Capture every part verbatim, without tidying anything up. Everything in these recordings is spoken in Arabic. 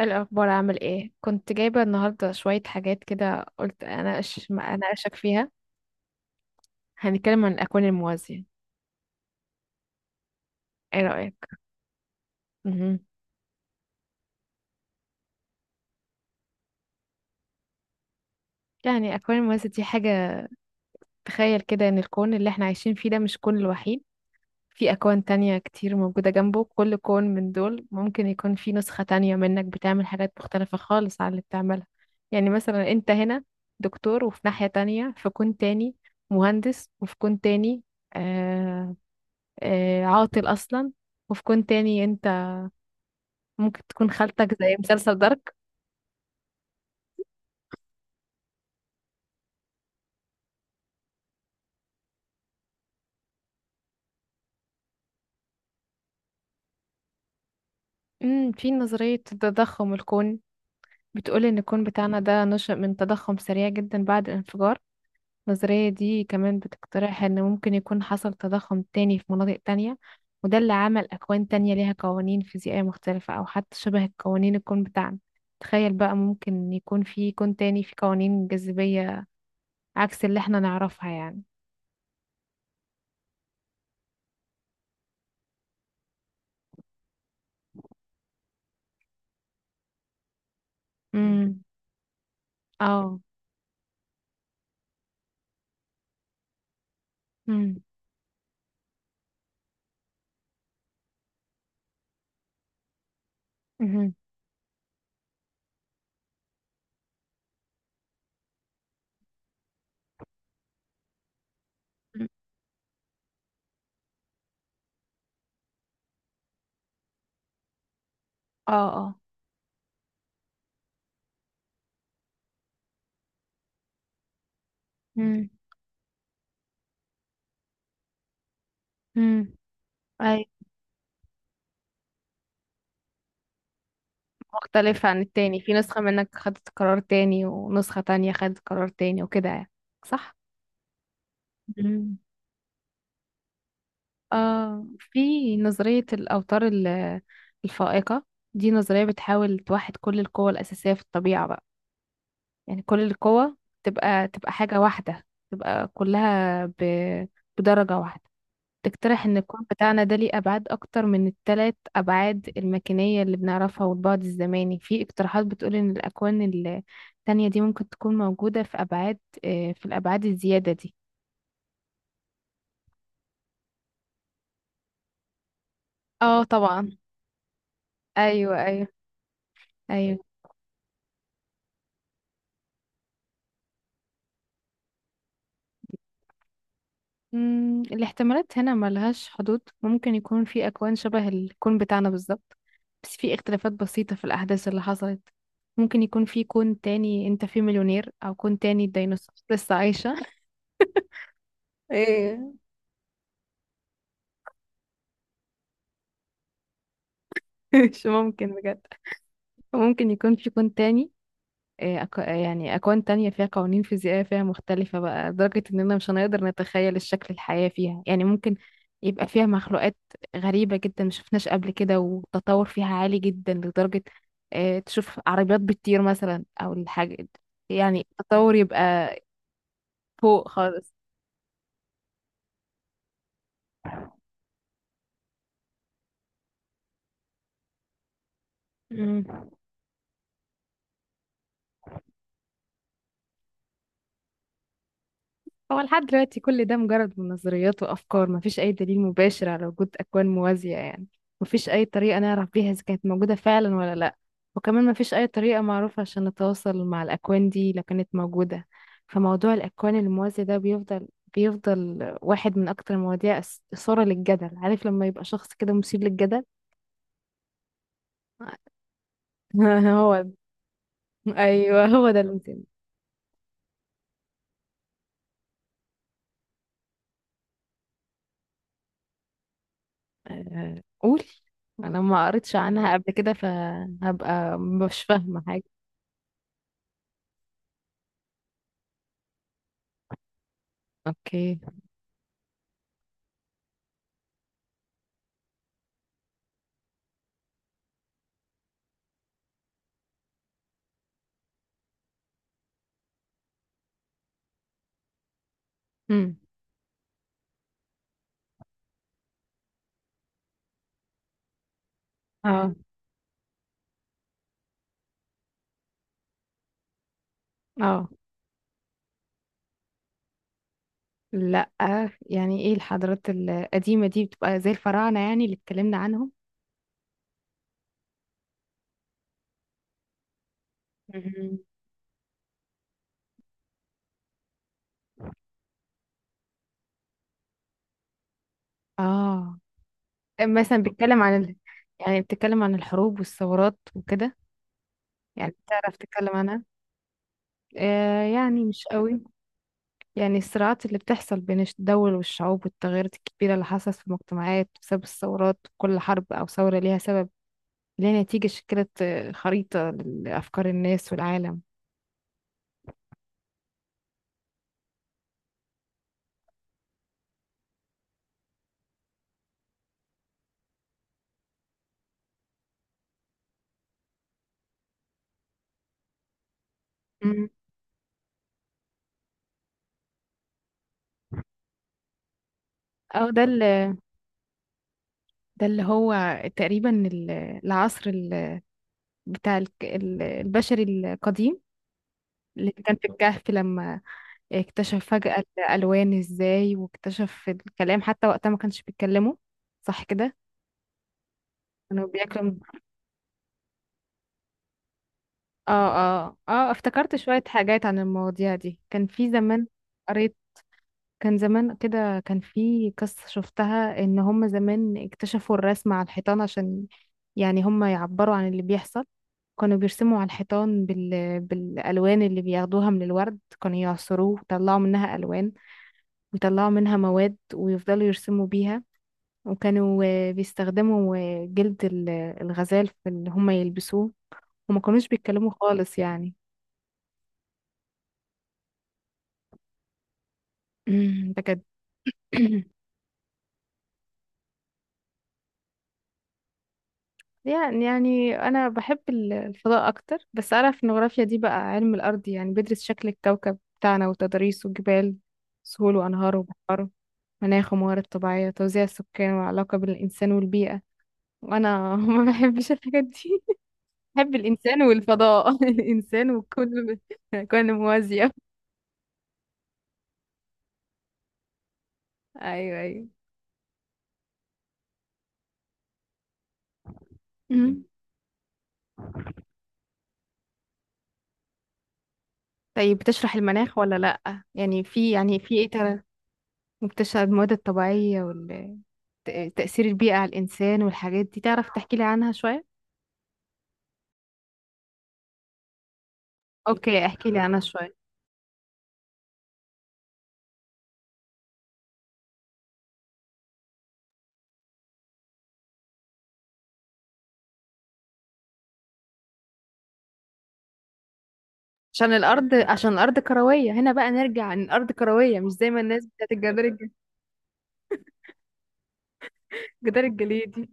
الأخبار عامل ايه؟ كنت جايبة النهاردة شوية حاجات كده قلت أناقش ما أناقشك فيها. هنتكلم عن الأكوان الموازية. ايه رأيك؟ مهم. يعني الأكوان الموازية دي حاجة، تخيل كده إن الكون اللي احنا عايشين فيه ده مش كون الوحيد. في أكوان تانية كتير موجودة جنبه، كل كون من دول ممكن يكون في نسخة تانية منك بتعمل حاجات مختلفة خالص عن اللي بتعملها. يعني مثلا انت هنا دكتور، وفي ناحية تانية في كون تاني مهندس، وفي كون تاني آه، آه، عاطل أصلا. وفي كون تاني أنت ممكن تكون خالتك زي مسلسل دارك. امم في نظرية تضخم الكون بتقول إن الكون بتاعنا ده نشأ من تضخم سريع جدا بعد الانفجار. النظرية دي كمان بتقترح إن ممكن يكون حصل تضخم تاني في مناطق تانية، وده اللي عمل أكوان تانية ليها قوانين فيزيائية مختلفة أو حتى شبه قوانين الكون بتاعنا. تخيل بقى، ممكن يكون في كون تاني في قوانين جاذبية عكس اللي احنا نعرفها يعني. امم. اه. امم. اه. اه. امم. امم. اي. مختلفة عن التاني، في نسخة منك خدت قرار تاني، ونسخة تانية خدت قرار تاني وكده يعني. صح. امم. آه في نظرية الأوتار ال- الفائقة. دي نظرية بتحاول توحد كل القوى الأساسية في الطبيعة بقى، يعني كل القوى تبقى تبقى حاجة واحدة، تبقى كلها ب... بدرجة واحدة. تقترح إن الكون بتاعنا ده ليه أبعاد أكتر من التلات أبعاد المكانية اللي بنعرفها والبعد الزماني، في اقتراحات بتقول إن الأكوان التانية دي ممكن تكون موجودة في أبعاد آه، في الأبعاد الزيادة دي. اه طبعا. أيوه، أيوه، أيوه. مم، الاحتمالات هنا ملهاش حدود، ممكن يكون في أكوان شبه الكون بتاعنا بالظبط بس في اختلافات بسيطة في الأحداث اللي حصلت. ممكن يكون في كون تاني انت فيه مليونير، او كون تاني الديناصورات لسه عايشة. ايه. مش ممكن بجد. ممكن يكون في كون تاني، آه، أك... آه، يعني أكوان تانية فيها قوانين فيزيائية فيها مختلفة بقى، لدرجة إننا مش هنقدر نتخيل الشكل الحياة فيها. يعني ممكن يبقى فيها مخلوقات غريبة جدا مشفناش قبل كده، والتطور فيها عالي جدا لدرجة آه، تشوف عربيات بتطير مثلا أو الحاجة، يعني التطور يبقى فوق خالص. مم. هو لحد دلوقتي كل ده مجرد من نظريات وأفكار، مفيش أي دليل مباشر على وجود أكوان موازية يعني، مفيش أي طريقة نعرف بيها إذا كانت موجودة فعلا ولا لأ. وكمان مفيش أي طريقة معروفة عشان نتواصل مع الأكوان دي لو كانت موجودة. فموضوع الأكوان الموازية ده بيفضل بيفضل واحد من أكتر المواضيع الس- إثارة للجدل. عارف لما يبقى شخص كده مثير للجدل؟ هو ده. أيوه هو ده المثال. آه، قول. أنا ما قريتش عنها قبل كده فهبقى مش فاهمة. اوكي. امم. اه. اه. لا. يعني ايه الحضارات القديمة دي؟ بتبقى زي الفراعنة يعني اللي اتكلمنا عنهم. مهم. اه، مثلا بيتكلم عن ال... يعني بتتكلم عن الحروب والثورات وكده، يعني بتعرف تتكلم عنها. آه يعني مش قوي. يعني الصراعات اللي بتحصل بين الش- الدول والشعوب، والتغيرات الكبيرة اللي حصلت في المجتمعات بسبب الثورات. كل حرب أو ثورة ليها سبب، ليها نتيجة، شكلت آه، خريطة لأفكار الناس والعالم. مم. أو ده ده اللي هو تقريبا ال- العصر ال- بتاع الك- ال- البشري القديم، اللي كان في الكهف لما اكتشف فجأة الألوان ازاي، واكتشف الكلام، حتى وقتها ما كانش بيتكلموا. صح كده. كانوا بياكلوا من- اه، اه، اه، افتكرت شوية حاجات عن المواضيع دي. كان في زمان قريت، كان زمان كده كان في قصة شفتها ان هم زمان اكتشفوا الرسم على الحيطان عشان يعني هم يعبروا عن اللي بيحصل. كانوا بيرسموا على الحيطان بال... بالألوان اللي بياخدوها من الورد، كانوا يعصروه ويطلعوا منها ألوان، ويطلعوا منها مواد ويفضلوا يرسموا بيها. وكانوا آه، بيستخدموا آه، جلد ال- الغزال في اللي هم يلبسوه، وما كانوش بيتكلموا خالص يعني. بجد. يعني يعني أنا بحب ال- الفضاء أكتر، بس أعرف إن الجغرافيا دي بقى علم الأرض، يعني بيدرس شكل الكوكب بتاعنا وتضاريسه وجبال، سهول، وأنهار، وبحار، مناخ، وموارد طبيعية، توزيع السكان، والعلاقة بين الإنسان والبيئة. وأنا ما بحبش الحاجات دي، بحب الإنسان والفضاء. الإنسان وكل كون موازية. أيوه، أيوه. أمم. طيب بتشرح المناخ ولا لأ؟ يعني في يعني في إيه ترى؟ وبتشرح المواد الطبيعية، وتأثير البيئة على الإنسان، والحاجات دي تعرف تحكي لي عنها شوية. أوكي، احكي لي عنها شوية. عشان الأرض عشان الأرض كروية. هنا بقى نرجع إن الأرض كروية، مش زي ما الناس بتاعت الجدار الج- الجدار الجليدي.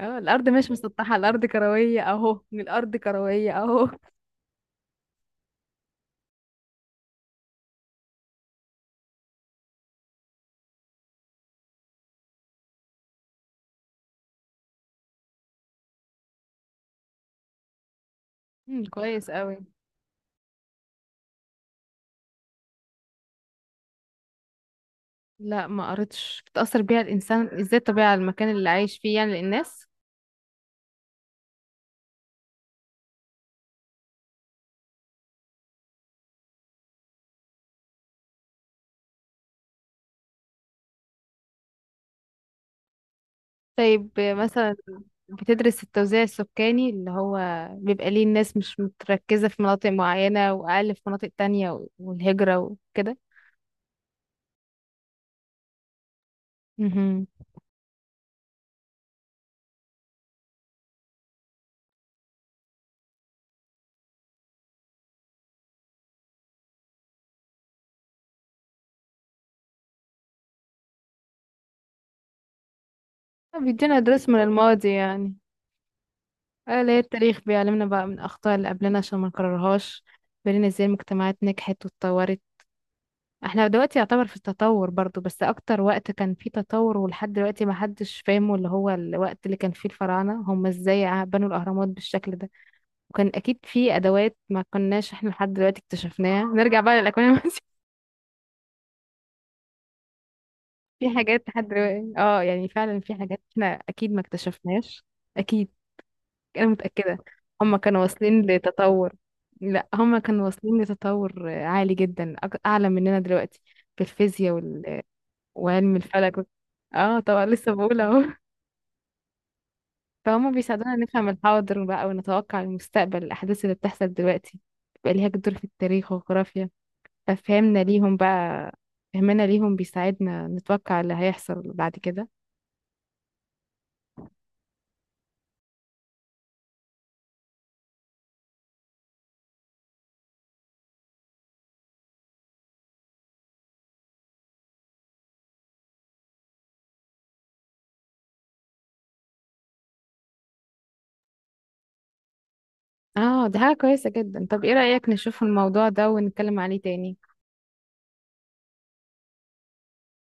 اه، الارض مش مسطحه، الارض كرويه اهو، الارض كرويه اهو. مم، كويس قوي. لا ما قريتش، بتاثر بيها الانسان ازاي الطبيعه، المكان اللي عايش فيه يعني للناس. طيب مثلا بتدرس التوزيع السكاني، اللي هو بيبقى ليه الناس مش متركزه في مناطق معينه، واقل في مناطق تانية، والهجره وكده. مهم. بيدينا درس من الماضي يعني. اه، اللي هي التاريخ بيعلمنا بقى من اخطاء اللي قبلنا عشان ما نكررهاش، بيقولنا ازاي المجتمعات نجحت واتطورت. احنا دلوقتي يعتبر في التطور برضو، بس اكتر وقت كان فيه تطور ولحد دلوقتي ما حدش فاهمه، اللي هو الوقت اللي كان فيه الفراعنة، هم ازاي ع- بنوا الاهرامات بالشكل ده، وكان اكيد فيه ادوات ما كناش احنا لحد دلوقتي اكتشفناها. نرجع بقى للاكوان المائية. في حاجات لحد دلوقتي، اه يعني فعلا في حاجات احنا اكيد ما اكتشفناش. اكيد. انا متأكدة. هم كانوا واصلين لتطور، لا هم كانوا واصلين لتطور عالي جدا، أك- اعلى مننا دلوقتي، في الفيزياء، وعلم الفلك و- اه طبعا، لسه بقول اهو. فهم بيساعدونا نفهم الحاضر بقى ونتوقع المستقبل، الأحداث اللي بتحصل دلوقتي بقى ليها دور في التاريخ والجغرافيا. ففهمنا ليهم بقى فهمنا ليهم بيساعدنا نتوقع اللي هيحصل بعد كده. اه ده حاجة كويسة جدا. طب ايه رأيك نشوف الموضوع ده ونتكلم عليه تاني؟